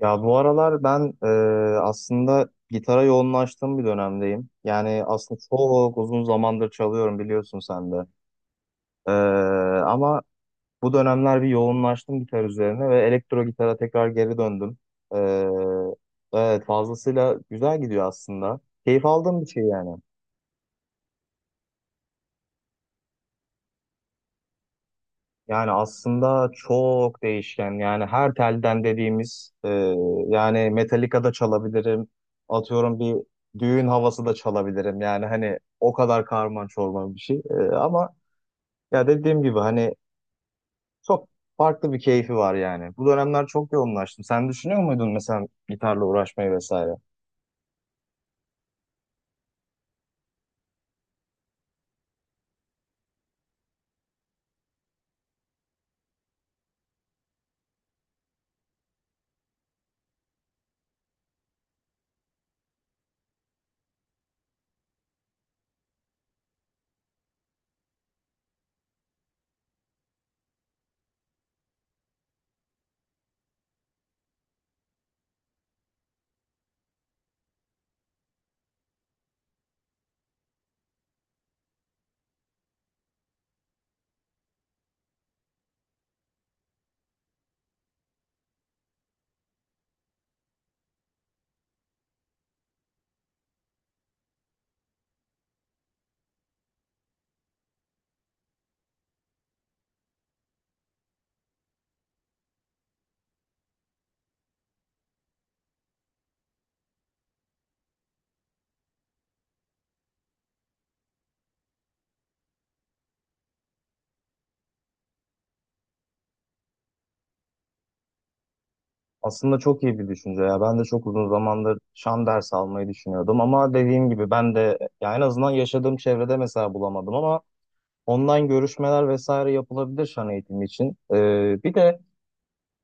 Ya bu aralar ben aslında gitara yoğunlaştığım bir dönemdeyim. Yani aslında çok uzun zamandır çalıyorum, biliyorsun sen de. E, Ama bu dönemler bir yoğunlaştım gitar üzerine ve elektro gitara tekrar geri döndüm. E, evet, fazlasıyla güzel gidiyor aslında. Keyif aldığım bir şey yani. Yani aslında çok değişken. Yani her telden dediğimiz, yani Metallica da çalabilirim. Atıyorum, bir düğün havası da çalabilirim. Yani hani o kadar karman çorman bir şey. Ama ya dediğim gibi hani çok farklı bir keyfi var yani. Bu dönemler çok yoğunlaştım. Sen düşünüyor muydun mesela gitarla uğraşmayı vesaire? Aslında çok iyi bir düşünce ya. Ben de çok uzun zamandır şan dersi almayı düşünüyordum ama dediğim gibi ben de ya en azından yaşadığım çevrede mesela bulamadım ama online görüşmeler vesaire yapılabilir şan eğitimi için. Bir de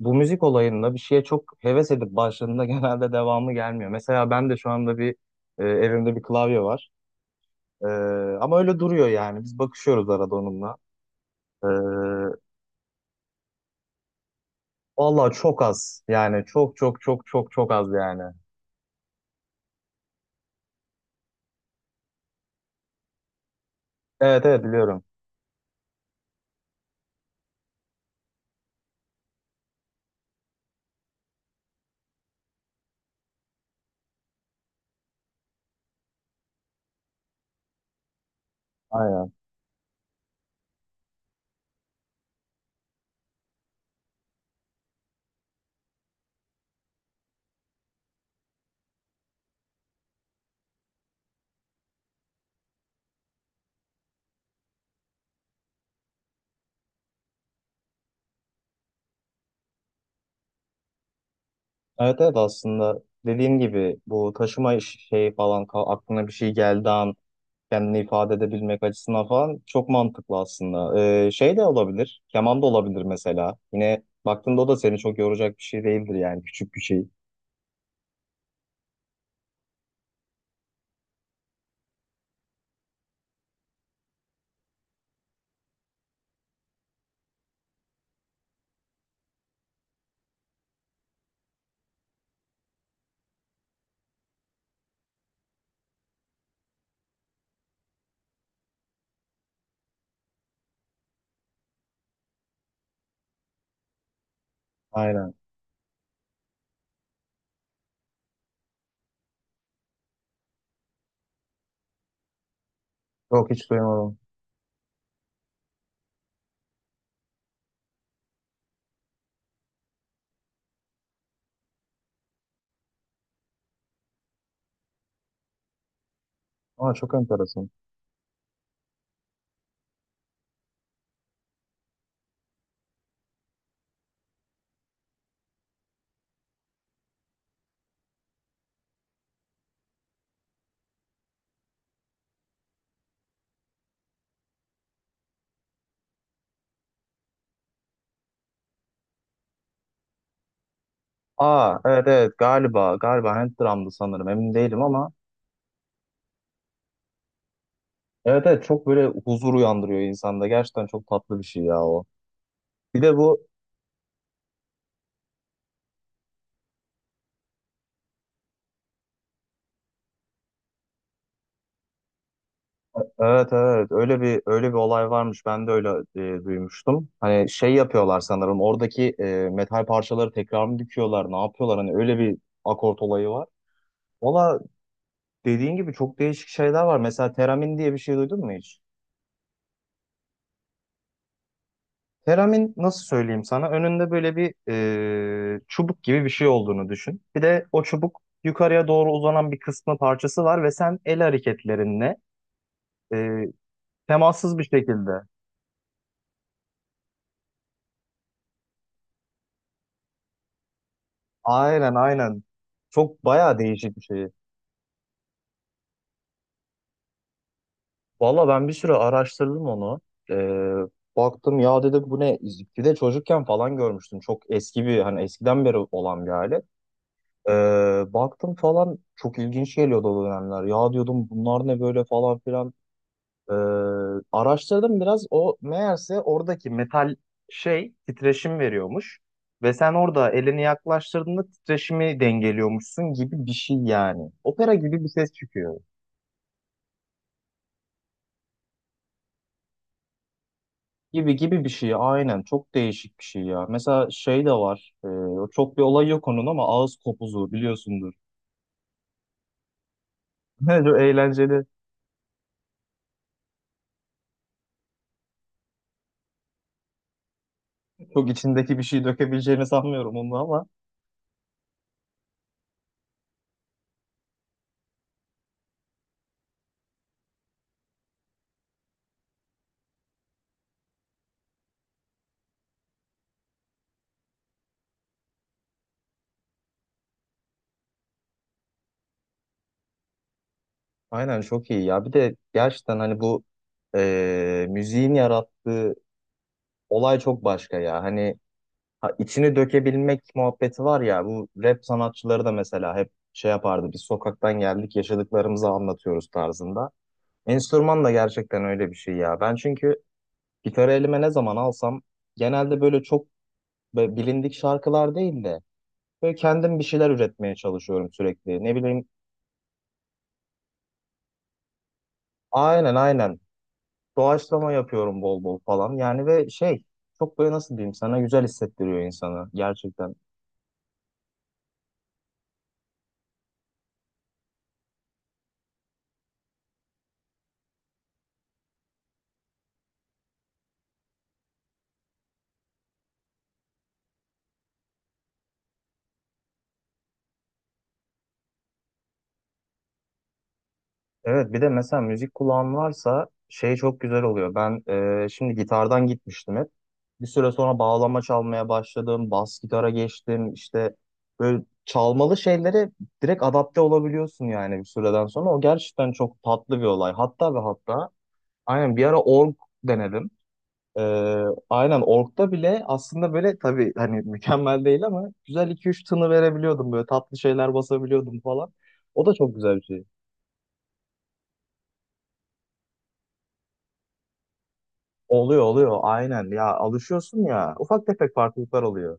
bu müzik olayında bir şeye çok heves edip başladığında genelde devamı gelmiyor. Mesela ben de şu anda bir evimde bir klavye var. Ee, Ama öyle duruyor yani. Biz bakışıyoruz arada onunla. Ee, Vallahi çok az. Yani çok çok çok çok çok az yani. Evet, evet, biliyorum. Aynen. Evet, evet, aslında dediğim gibi bu taşıma iş- şey falan ka- aklına bir şey geldi an kendini ifade edebilmek açısından falan çok mantıklı aslında. Şey de olabilir, keman da olabilir mesela. Yine baktığında o da seni çok yoracak bir şey değildir yani, küçük bir şey. Aynen. Yok, hiç duymadım. Aa, çok enteresan. Aa, evet, evet, galiba hand drum'dı, sanırım emin değilim ama evet, evet, çok böyle huzur uyandırıyor insanda. Gerçekten çok tatlı bir şey ya o. Bir de bu. Evet, evet, öyle bir olay varmış, ben de öyle duymuştum. Hani şey yapıyorlar sanırım, oradaki metal parçaları tekrar mı dikiyorlar, ne yapıyorlar, hani öyle bir akort olayı var. Valla, dediğin gibi çok değişik şeyler var. Mesela teramin diye bir şey duydun mu hiç? Teramin, nasıl söyleyeyim sana, önünde böyle bir çubuk gibi bir şey olduğunu düşün. Bir de o çubuk yukarıya doğru uzanan bir kısmı, parçası var ve sen el hareketlerinle e, temassız bir şekilde. Aynen, aynen. Çok bayağı değişik bir şey. Valla, ben bir süre araştırdım onu. Ee, Baktım, ya dedim bu ne? Bir de çocukken falan görmüştüm. Çok eski bir, hani eskiden beri olan bir alet. Baktım falan, çok ilginç geliyordu o dönemler. Ya diyordum bunlar ne böyle falan filan. Ee, Araştırdım biraz, o meğerse oradaki metal şey titreşim veriyormuş. Ve sen orada elini yaklaştırdığında titreşimi dengeliyormuşsun gibi bir şey yani. Opera gibi bir ses çıkıyor. Gibi gibi bir şey, aynen, çok değişik bir şey ya. Mesela şey de var, çok bir olay yok onun ama ağız kopuzu biliyorsundur. Çok eğlenceli, çok içindeki bir şey dökebileceğini sanmıyorum onu ama aynen, çok iyi ya. Bir de gerçekten hani bu müziğin yarattığı olay çok başka ya. Hani ha, içini dökebilmek muhabbeti var ya, bu rap sanatçıları da mesela hep şey yapardı, biz sokaktan geldik yaşadıklarımızı anlatıyoruz tarzında. Enstrüman da gerçekten öyle bir şey ya. Ben çünkü gitarı elime ne zaman alsam genelde böyle çok böyle bilindik şarkılar değil de böyle kendim bir şeyler üretmeye çalışıyorum sürekli. Ne bileyim, aynen, aynen, doğaçlama yapıyorum bol bol falan yani, ve şey, çok böyle nasıl diyeyim sana, güzel hissettiriyor insanı gerçekten. Evet, bir de mesela müzik kulağın varsa şey çok güzel oluyor. Ben şimdi gitardan gitmiştim hep. Bir süre sonra bağlama çalmaya başladım. Bas gitara geçtim. İşte böyle çalmalı şeylere direkt adapte olabiliyorsun yani bir süreden sonra. O gerçekten çok tatlı bir olay. Hatta ve hatta aynen bir ara org denedim. E, aynen, orgda bile aslında böyle tabii hani mükemmel değil ama güzel iki üç tını verebiliyordum. Böyle tatlı şeyler basabiliyordum falan. O da çok güzel bir şey. Oluyor, oluyor, aynen ya, alışıyorsun ya, ufak tefek farklılıklar oluyor.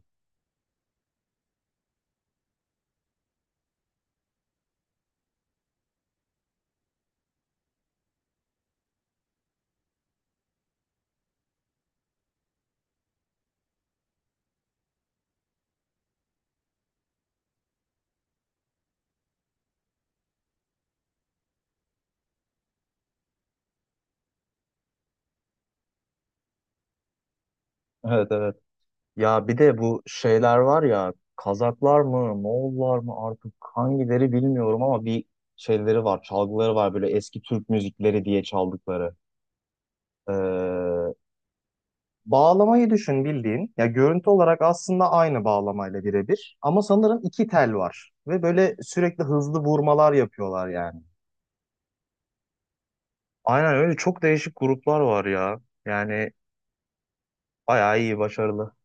Evet, evet. Ya bir de bu şeyler var ya, Kazaklar mı Moğollar mı artık hangileri bilmiyorum ama bir şeyleri var, çalgıları var, böyle eski Türk müzikleri diye çaldıkları. Ee, Bağlamayı düşün bildiğin ya, görüntü olarak aslında aynı bağlamayla birebir ama sanırım iki tel var ve böyle sürekli hızlı vurmalar yapıyorlar yani. Aynen, öyle çok değişik gruplar var ya yani, bayağı iyi, başarılı.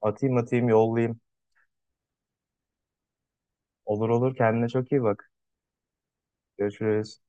Atayım, atayım, yollayayım. Olur, olur, kendine çok iyi bak. Görüşürüz.